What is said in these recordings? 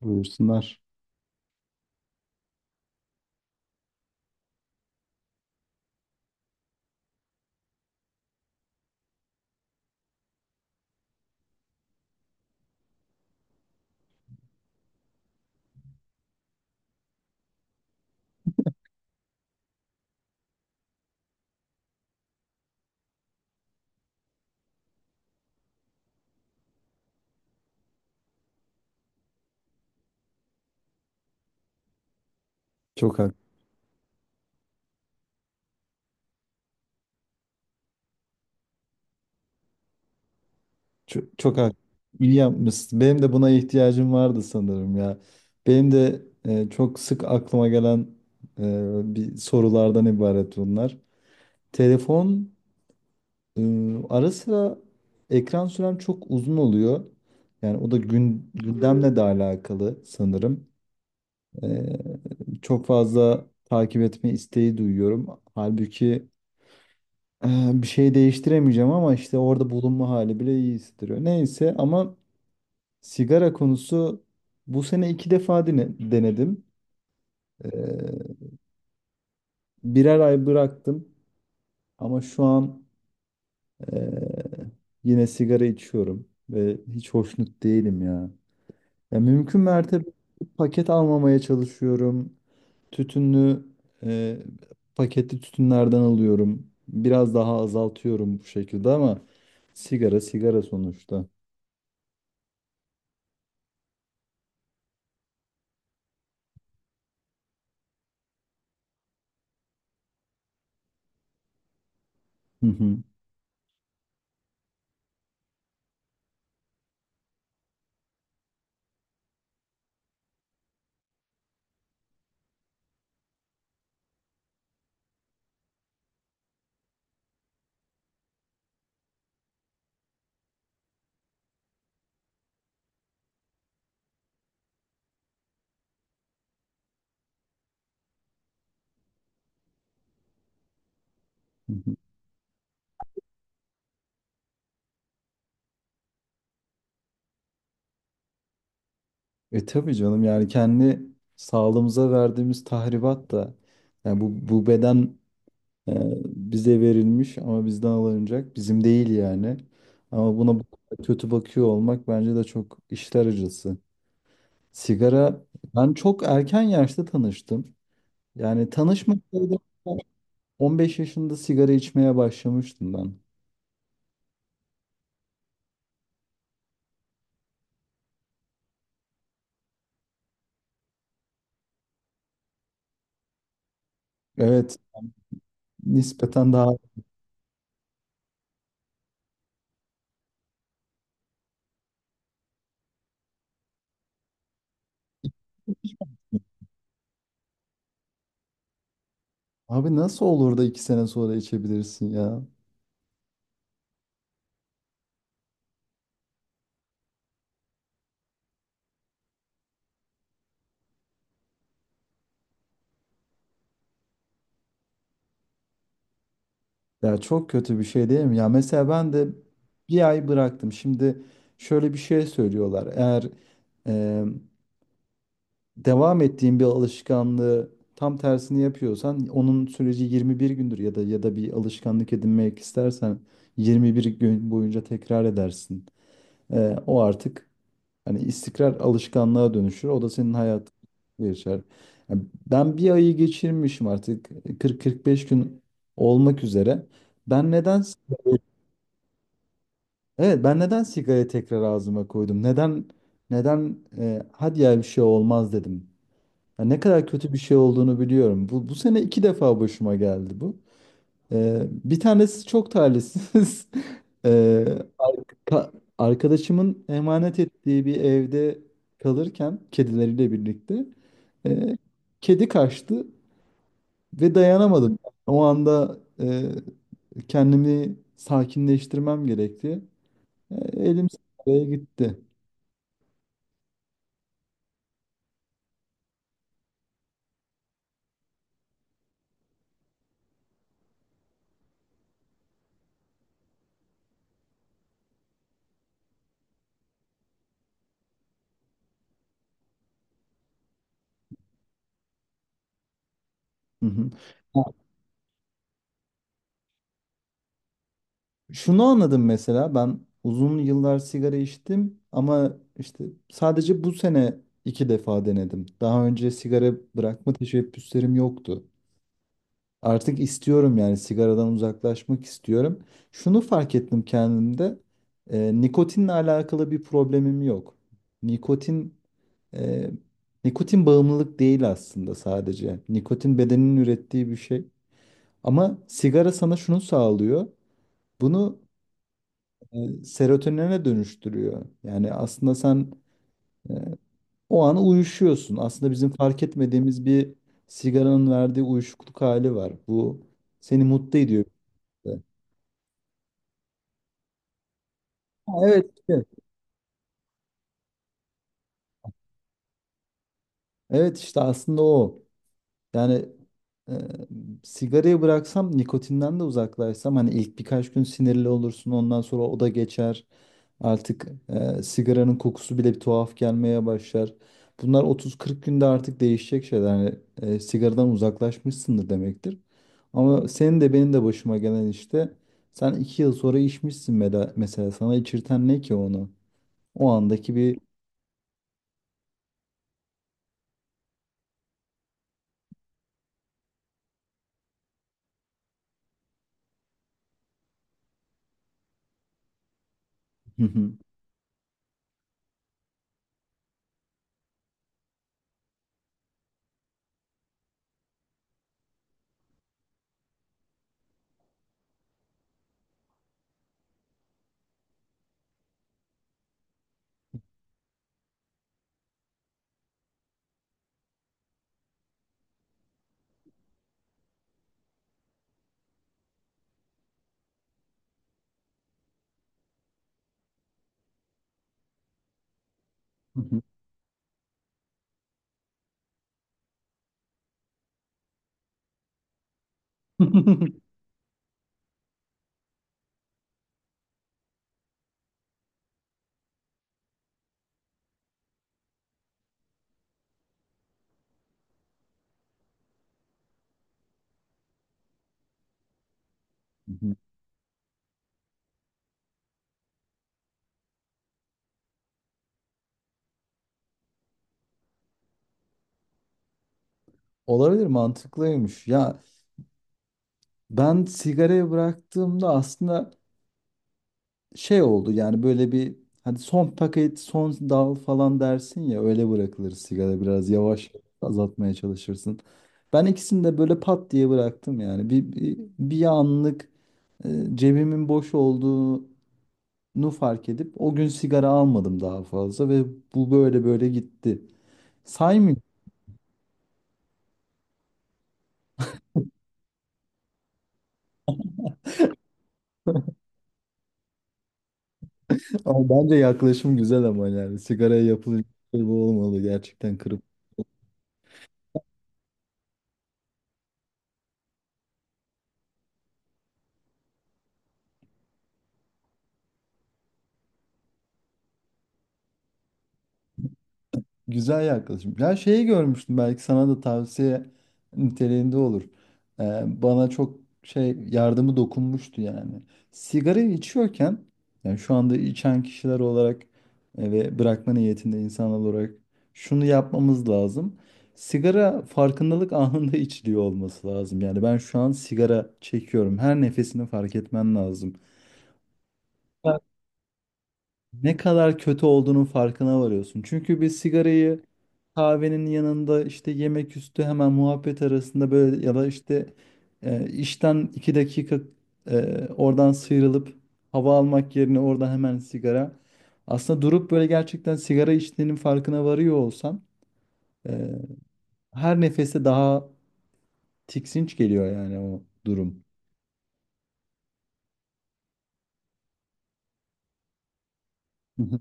Buyursunlar. Çok hak, çok, çok hak. İyi yapmışsın. Benim de buna ihtiyacım vardı sanırım ya. Benim de çok sık aklıma gelen bir sorulardan ibaret bunlar. Telefon, e, ara sıra ekran sürem çok uzun oluyor. Yani o da gündemle de alakalı sanırım. Çok fazla takip etme isteği duyuyorum. Halbuki bir şey değiştiremeyeceğim, ama işte orada bulunma hali bile iyi hissettiriyor. Neyse, ama sigara konusu, bu sene iki defa denedim. Ee, birer ay bıraktım ama şu an ee, yine sigara içiyorum ve hiç hoşnut değilim ya. Ya mümkün mertebe paket almamaya çalışıyorum. Tütünlü, ee, paketli tütünlerden alıyorum. Biraz daha azaltıyorum bu şekilde ama sigara sigara sonuçta. Hı hı. E tabii canım, yani kendi sağlığımıza verdiğimiz tahribat da, yani bu beden e, bize verilmiş ama bizden alınacak, bizim değil yani. Ama buna bu kadar kötü bakıyor olmak bence de çok işler acısı. Sigara, ben çok erken yaşta tanıştım. Yani tanışmasaydım, 15 yaşında sigara içmeye başlamıştım ben. Evet, nispeten daha… Abi, nasıl olur da 2 sene sonra içebilirsin ya? Ya çok kötü bir şey değil mi? Ya mesela ben de bir ay bıraktım. Şimdi şöyle bir şey söylüyorlar. Eğer e, devam ettiğin bir alışkanlığı tam tersini yapıyorsan, onun süreci 21 gündür, ya da ya da bir alışkanlık edinmek istersen 21 gün boyunca tekrar edersin. O artık hani istikrar alışkanlığa dönüşür. O da senin hayatın geçer. Ya, ben bir ayı geçirmişim artık, 40-45 gün olmak üzere. Ben neden… Evet, ben neden sigarayı tekrar ağzıma koydum? Neden neden hadi ya bir şey olmaz dedim. Ya ne kadar kötü bir şey olduğunu biliyorum. Bu sene iki defa başıma geldi bu. E, bir tanesi çok talihsiz. E, ka- arkadaşımın emanet ettiği bir evde kalırken, kedileriyle birlikte, e, kedi kaçtı ve dayanamadım. O anda kendimi sakinleştirmem gerekti. E, elim sigaraya gitti. Hı hı. Ya, şunu anladım mesela, ben uzun yıllar sigara içtim ama işte sadece bu sene iki defa denedim. Daha önce sigara bırakma teşebbüslerim yoktu. Artık istiyorum, yani sigaradan uzaklaşmak istiyorum. Şunu fark ettim kendimde. Nikotinle alakalı bir problemim yok. Nikotin, e, bağımlılık değil aslında sadece. Nikotin bedenin ürettiği bir şey. Ama sigara sana şunu sağlıyor. Bunu serotonine dönüştürüyor. Yani aslında sen e, o an uyuşuyorsun. Aslında bizim fark etmediğimiz bir sigaranın verdiği uyuşukluk hali var. Bu seni mutlu ediyor. Ha, evet, işte. Evet işte, aslında o. Yani e, sigarayı bıraksam, nikotinden de uzaklaşsam, hani ilk birkaç gün sinirli olursun, ondan sonra o da geçer. Artık sigaranın kokusu bile bir tuhaf gelmeye başlar. Bunlar 30-40 günde artık değişecek şeyler. Yani, sigaradan uzaklaşmışsındır demektir. Ama senin de benim de başıma gelen işte, sen 2 yıl sonra içmişsin, mesela sana içirten ne ki onu? O andaki bir… Olabilir, mantıklıymış. Ya, ben sigarayı bıraktığımda aslında şey oldu, yani böyle bir, hani son paket son dal falan dersin ya, öyle bırakılır sigara, biraz yavaş azaltmaya çalışırsın. Ben ikisini de böyle pat diye bıraktım, yani bir, bir, bir anlık e, cebimin boş olduğunu fark edip o gün sigara almadım daha fazla ve bu böyle böyle gitti. Saymıyorum. Ama bence yaklaşım güzel, ama yani sigaraya yapılacak şey bu olmalı, gerçekten kırıp… Güzel yaklaşım. Ya şeyi görmüştüm, belki sana da tavsiye niteliğinde olur. Ee, bana çok şey yardımı dokunmuştu yani. Sigarayı içiyorken, yani şu anda içen kişiler olarak ve bırakma niyetinde insanlar olarak şunu yapmamız lazım. Sigara farkındalık anında içiliyor olması lazım. Yani ben şu an sigara çekiyorum. Her nefesini fark etmen lazım, ne kadar kötü olduğunun farkına varıyorsun. Çünkü bir sigarayı kahvenin yanında, işte yemek üstü, hemen muhabbet arasında böyle, ya da işte işten iki dakika oradan sıyrılıp hava almak yerine orada hemen sigara. Aslında durup böyle gerçekten sigara içtiğinin farkına varıyor olsan, e, her nefeste daha tiksinç geliyor yani o durum. Hı hı.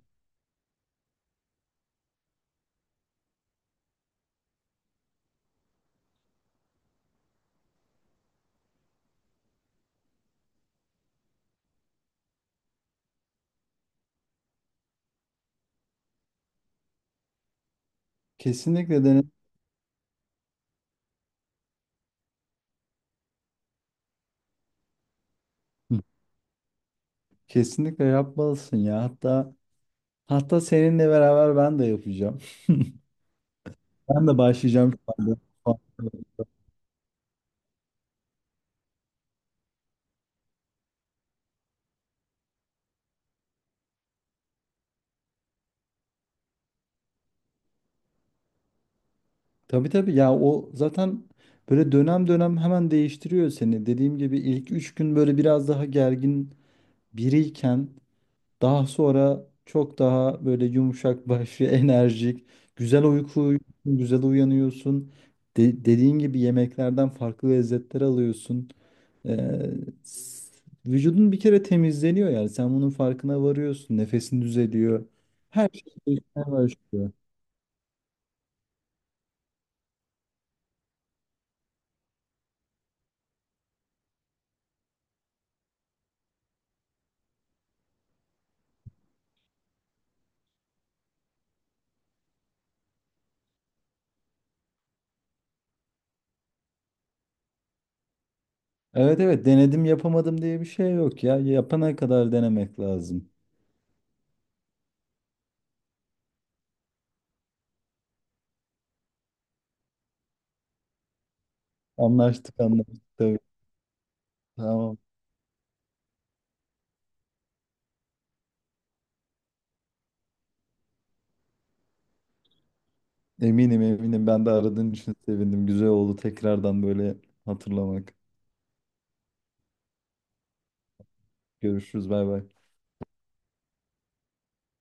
Kesinlikle dene. Hı. Kesinlikle yapmalısın ya. Hatta hatta seninle beraber ben de yapacağım. Ben de başlayacağım şu anda. Tabii tabii ya, o zaten böyle dönem dönem hemen değiştiriyor seni. Dediğim gibi ilk üç gün böyle biraz daha gergin biriyken, daha sonra çok daha böyle yumuşak başlı, enerjik, güzel uyku uyuyorsun, güzel uyanıyorsun. Dediğin gibi yemeklerden farklı lezzetler alıyorsun. Ee, s- vücudun bir kere temizleniyor, yani sen bunun farkına varıyorsun. Nefesin düzeliyor. Her şey değişmeye başlıyor. Evet evet, denedim yapamadım diye bir şey yok ya. Yapana kadar denemek lazım. Anlaştık anlaştık tabii. Tamam. Eminim eminim, ben de aradığın için sevindim. Güzel oldu tekrardan böyle hatırlamak. Görüşürüz, bay bay.